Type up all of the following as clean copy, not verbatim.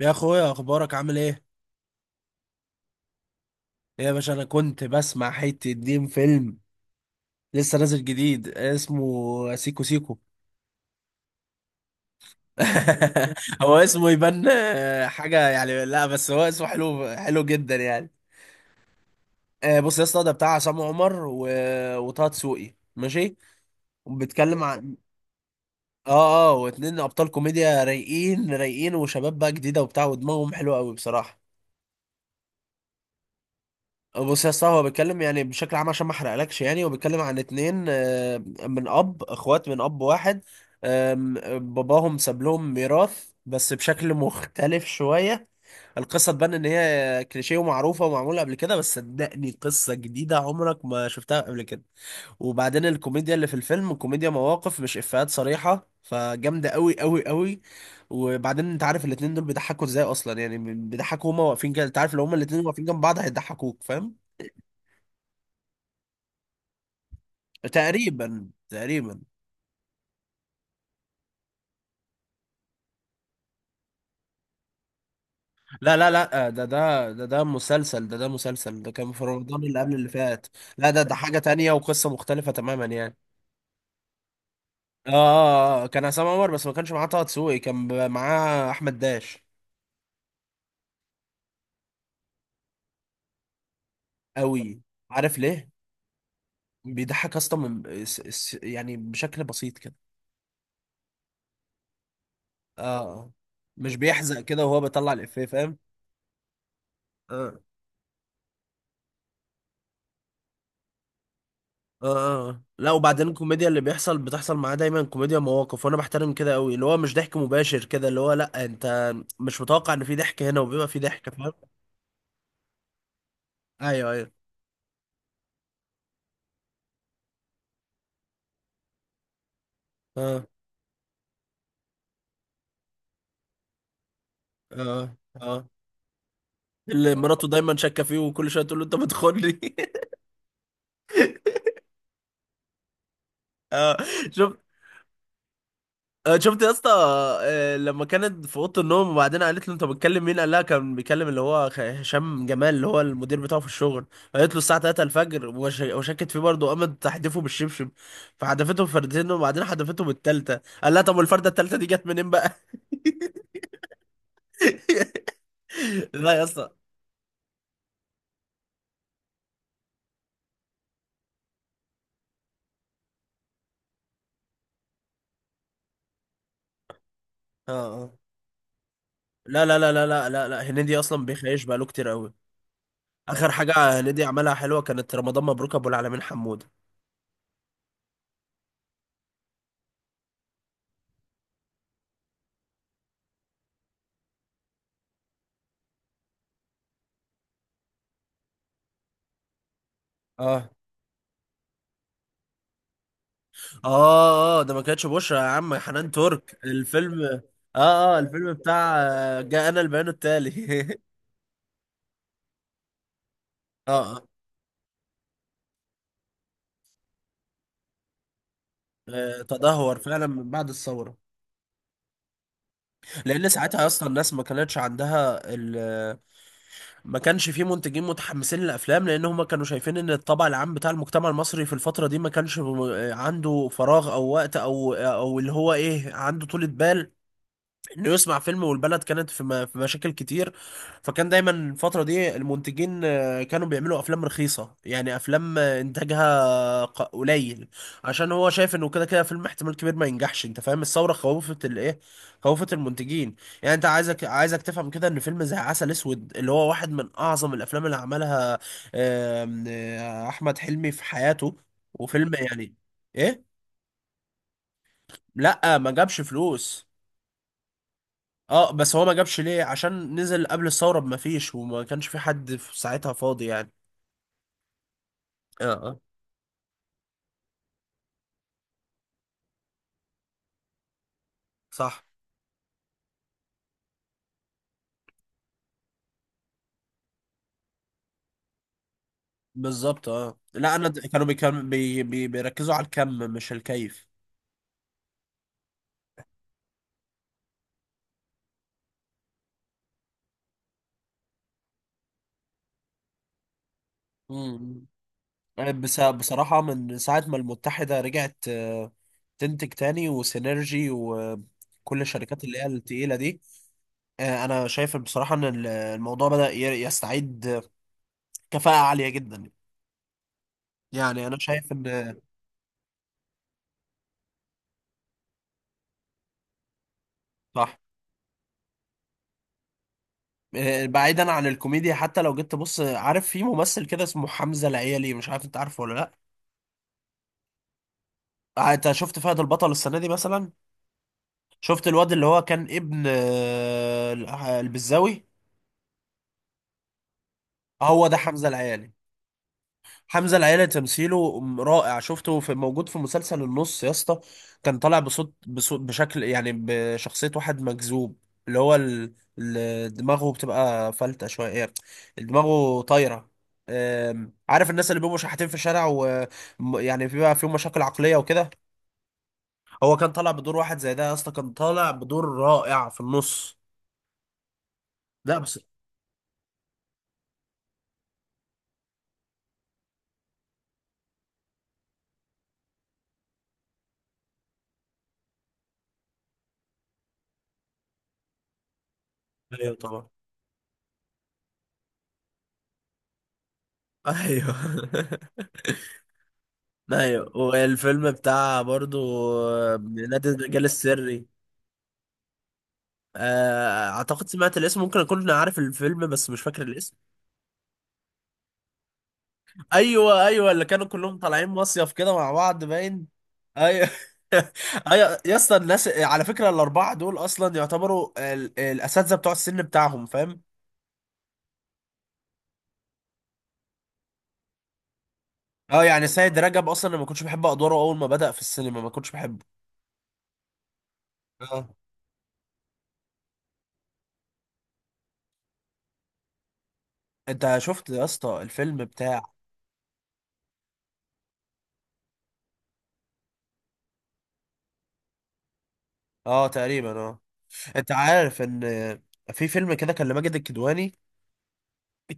يا اخويا، اخبارك عامل ايه؟ ايه يا باشا، انا كنت بسمع حته دين فيلم لسه نازل جديد اسمه سيكو سيكو. هو اسمه يبان حاجه يعني، لا بس هو اسمه حلو حلو جدا يعني. بص يا اسطى، ده بتاع عصام عمر و... وطه دسوقي، ماشي وبيتكلم عن اه واتنين ابطال كوميديا رايقين رايقين، وشباب بقى جديده وبتاع، ودماغهم حلوه قوي بصراحه. بص يا اسطى، هو بيتكلم يعني بشكل عام عشان ما احرقلكش، يعني هو بيتكلم عن اتنين، من اب، اخوات من اب واحد. آم، باباهم ساب لهم ميراث بس بشكل مختلف شوية. القصة تبان ان هي كليشيه ومعروفة ومعمولة قبل كده، بس صدقني قصة جديدة عمرك ما شفتها قبل كده. وبعدين الكوميديا اللي في الفيلم كوميديا مواقف، مش افيهات صريحة، فجامدة قوي قوي قوي. وبعدين انت عارف الاتنين دول بيضحكوا ازاي اصلا؟ يعني بيضحكوا هما واقفين كده، انت عارف لو هما الاتنين واقفين جنب بعض هيضحكوك، فاهم؟ تقريبا، تقريبا. لا لا لا، ده مسلسل، ده مسلسل ده كان في رمضان اللي قبل اللي فات. لا، ده حاجة تانية وقصة مختلفة تماما يعني. كان عصام عمر، بس ما كانش معاه طه دسوقي، كان معاه احمد داش. قوي. عارف ليه؟ بيضحك اصلا من يعني بشكل بسيط كده. اه، آه. مش بيحزق كده وهو بيطلع الافيه، فاهم؟ آه. اه اه، لا، وبعدين الكوميديا اللي بيحصل بتحصل معاه دايما كوميديا مواقف، وانا بحترم كده قوي، اللي هو مش ضحك مباشر كده، اللي هو لا انت مش متوقع ان في ضحك هنا وبيبقى في ضحك، فاهم؟ ايوه، ايوه. اه اه اه، اللي مراته دايما شاكه فيه وكل شويه تقول له انت بتخوني. اه. شفت؟ شفت يا اسطى؟ لما كانت في اوضه النوم، وبعدين قالت له انت بتكلم مين، قال لها كان بيكلم اللي هو هشام جمال اللي هو المدير بتاعه في الشغل. قالت له الساعه 3 الفجر، وش- وشكت فيه برضه، قامت تحدفه بالشبشب. فحدفته بفردتين، وبعدين حدفته بالتالتة، قال لها طب والفرده التالتة دي جت منين بقى؟ لا يا اسطى. اه، آه. لا، لا، لا، لا، لا، لا، لا، هنيدي اصلا بيخيش بقاله كتير قوي. اخر حاجه. هنيدي عملها حلوه كانت رمضان مبروك ابو العالمين حمود. اه اه اه، ده ما كانتش بشرى يا عم، حنان ترك الفيلم. اه اه، الفيلم بتاع جاءنا البيان التالي. اه اه، تدهور فعلا من بعد الثورة. لأن ساعتها أصلا الناس ما كانتش عندها ال، ما كانش في منتجين متحمسين للأفلام، لأن هما كانوا شايفين إن الطبع العام بتاع المجتمع المصري في الفترة دي ما كانش عنده فراغ أو وقت أو أو اللي هو إيه، عنده طولة بال انه يصنع فيلم، والبلد كانت في في مشاكل كتير. فكان دايما الفترة دي المنتجين كانوا بيعملوا افلام رخيصة، يعني افلام انتاجها قليل، عشان هو شايف انه كده كده فيلم احتمال كبير ما ينجحش، انت فاهم؟ الثورة خوفت الايه؟ خوفت المنتجين. يعني انت عايزك تفهم كده ان فيلم زي عسل اسود، اللي هو واحد من اعظم الافلام اللي عملها آم، آه، احمد حلمي في حياته، وفيلم يعني، ايه؟ لا، ما جابش فلوس. اه، بس هو ما جابش ليه؟ عشان نزل قبل الثورة بما فيش، وما كانش في حد في ساعتها فاضي يعني. اه اه، صح. بالظبط، اه، لا انا كانوا بيكم بي بي بيركزوا على الكم مش الكيف. امم. بس بصراحة من ساعة ما المتحدة رجعت تنتج تاني، وسينرجي وكل الشركات اللي هي التقيلة دي، انا شايف بصراحة ان الموضوع بدأ يستعيد كفاءة عالية جدا. يعني انا شايف ان، صح. بعيدا عن الكوميديا، حتى لو جيت تبص، عارف في ممثل كده اسمه حمزة العيالي، مش عارف انت عارفه ولا لا؟ انت شفت فهد البطل السنة دي مثلا؟ شفت الواد اللي هو كان ابن البزاوي؟ هو ده حمزة العيالي. حمزة العيلة تمثيله رائع، شفته في، موجود في مسلسل النص يا اسطى. كان طالع بصوت بشكل يعني بشخصية واحد مجذوب، اللي هو دماغه بتبقى فلتة شوية يعني، دماغه طايرة. عارف الناس اللي بيبقوا شحاتين في الشارع، ويعني بيبقى فيهم مشاكل عقلية وكده؟ هو كان طالع بدور واحد زي ده يا اسطى، كان طالع بدور رائع في النص. لا بس، ايوه طبعا، ايوه. ايوه، والفيلم بتاع برضو آه، نادي الرجال السري. اعتقد سمعت الاسم، ممكن اكون عارف الفيلم بس مش فاكر الاسم. ايوه ايوه، اللي كانوا كلهم طالعين مصيف كده مع بعض باين. ايوه. ايوه يا اسطى، الناس على فكره الاربعه دول اصلا يعتبروا الاساتذه بتوع السن بتاعهم، فاهم؟ اه، يعني سيد رجب اصلا أنا ما كنتش بحب ادواره، اول ما بدأ في السينما ما كنتش بحبه. اه. انت شفت يا اسطى الفيلم بتاع، اه تقريبا اه. انت عارف ان في فيلم كده كان لماجد الكدواني،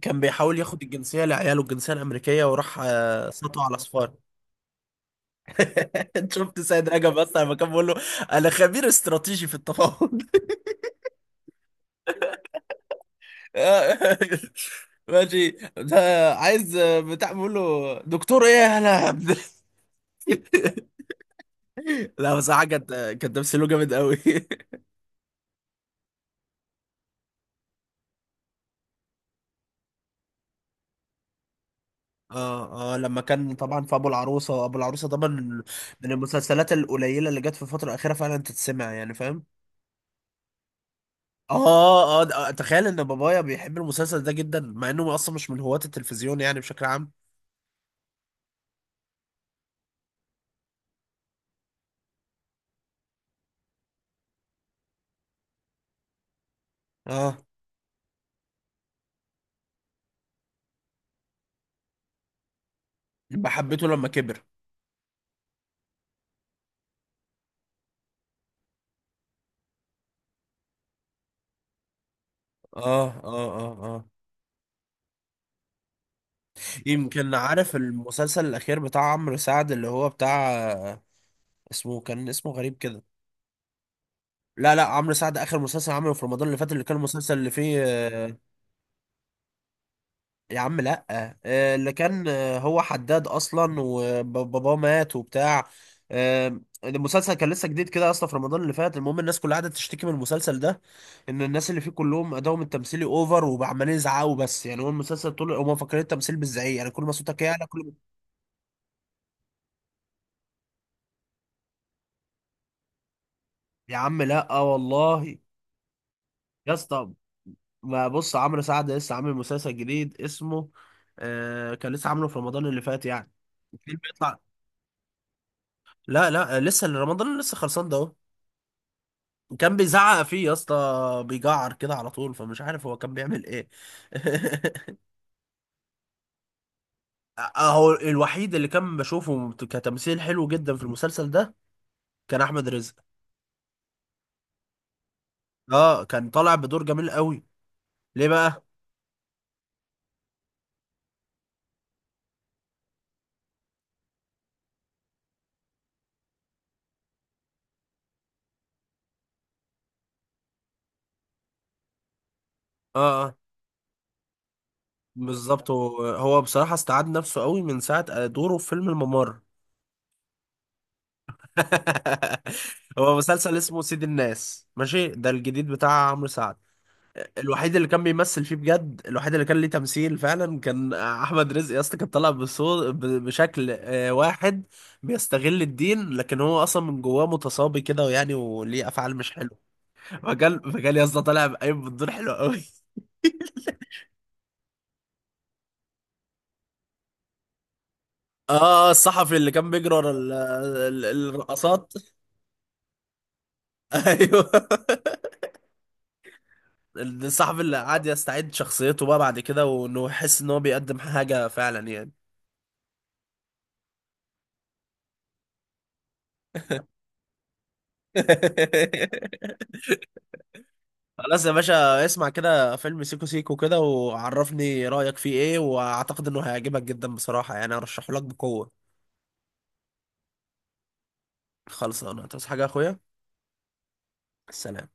كان بيحاول ياخد الجنسيه لعياله الجنسيه الامريكيه، وراح سطو على صفار. انت شفت سيد رجب اصلا لما كان بيقول له: انا خبير استراتيجي في التفاوض. ماشي. ده عايز بتاع، بيقول له دكتور ايه يا هلا يا عبد. لا بس حاجه كانت، كان تمثيله جامد قوي. اه اه، لما كان طبعا في ابو العروسه، ابو العروسه طبعا من المسلسلات القليله اللي جت في الفتره الاخيره فعلا تتسمع يعني، فاهم؟ اه اه، تخيل ان بابايا بيحب المسلسل ده جدا، مع انه اصلا مش من هواة التلفزيون يعني بشكل عام. اه، يبقى حبيته لما كبر. اه اه اه اه. يمكن، عارف المسلسل الاخير بتاع عمرو سعد اللي هو بتاع اسمه كان اسمه غريب كده؟ لا لا، عمرو سعد اخر مسلسل عمله في رمضان اللي فات، اللي كان المسلسل اللي فيه، يا عم لا، اللي كان هو حداد اصلا وباباه مات وبتاع. المسلسل كان لسه جديد كده اصلا في رمضان اللي فات، المهم الناس كلها قعدت تشتكي من المسلسل ده، ان الناس اللي فيه كلهم ادائهم التمثيلي اوفر، وعمالين يزعقوا بس يعني، هو المسلسل طول هم مفكرين التمثيل بالزعيق، يعني كل ما صوتك يعلى كل ما، يا عم لا والله. يا اسطى، ما بص، عمرو سعد لسه عامل مسلسل جديد اسمه كان لسه عامله في رمضان اللي فات يعني. الفيلم بيطلع، لا لا، لسه رمضان لسه خلصان ده. كان بيزعق فيه يا اسطى، بيجعر كده على طول، فمش عارف هو كان بيعمل ايه. اهو الوحيد اللي كان بشوفه كتمثيل حلو جدا في المسلسل ده كان احمد رزق. اه، كان طالع بدور جميل قوي. ليه بقى؟ اه اه. بالظبط، هو بصراحة استعاد نفسه قوي من ساعة دوره في فيلم الممر. هو مسلسل اسمه سيد الناس، ماشي، ده الجديد بتاع عمرو سعد. الوحيد اللي كان بيمثل فيه بجد، الوحيد اللي كان ليه تمثيل فعلا كان احمد رزق يا اسطى، كان طالع بشكل واحد بيستغل الدين، لكن هو اصلا من جواه متصابي كده، ويعني وليه افعال مش حلوه. فكان يا اسطى طالع بقايم بالدور حلو قوي. اه، الصحفي اللي كان بيجري ورا الرقصات. ايوه، الصحفي اللي قعد يستعيد شخصيته بقى بعد كده، وانه يحس ان هو بيقدم حاجه فعلا يعني. خلاص يا باشا، اسمع كده فيلم سيكو سيكو كده، وعرفني رأيك فيه ايه، واعتقد انه هيعجبك جدا بصراحة، يعني ارشحه لك بقوة. خلص انا، تصحى حاجة يا اخويا. السلام.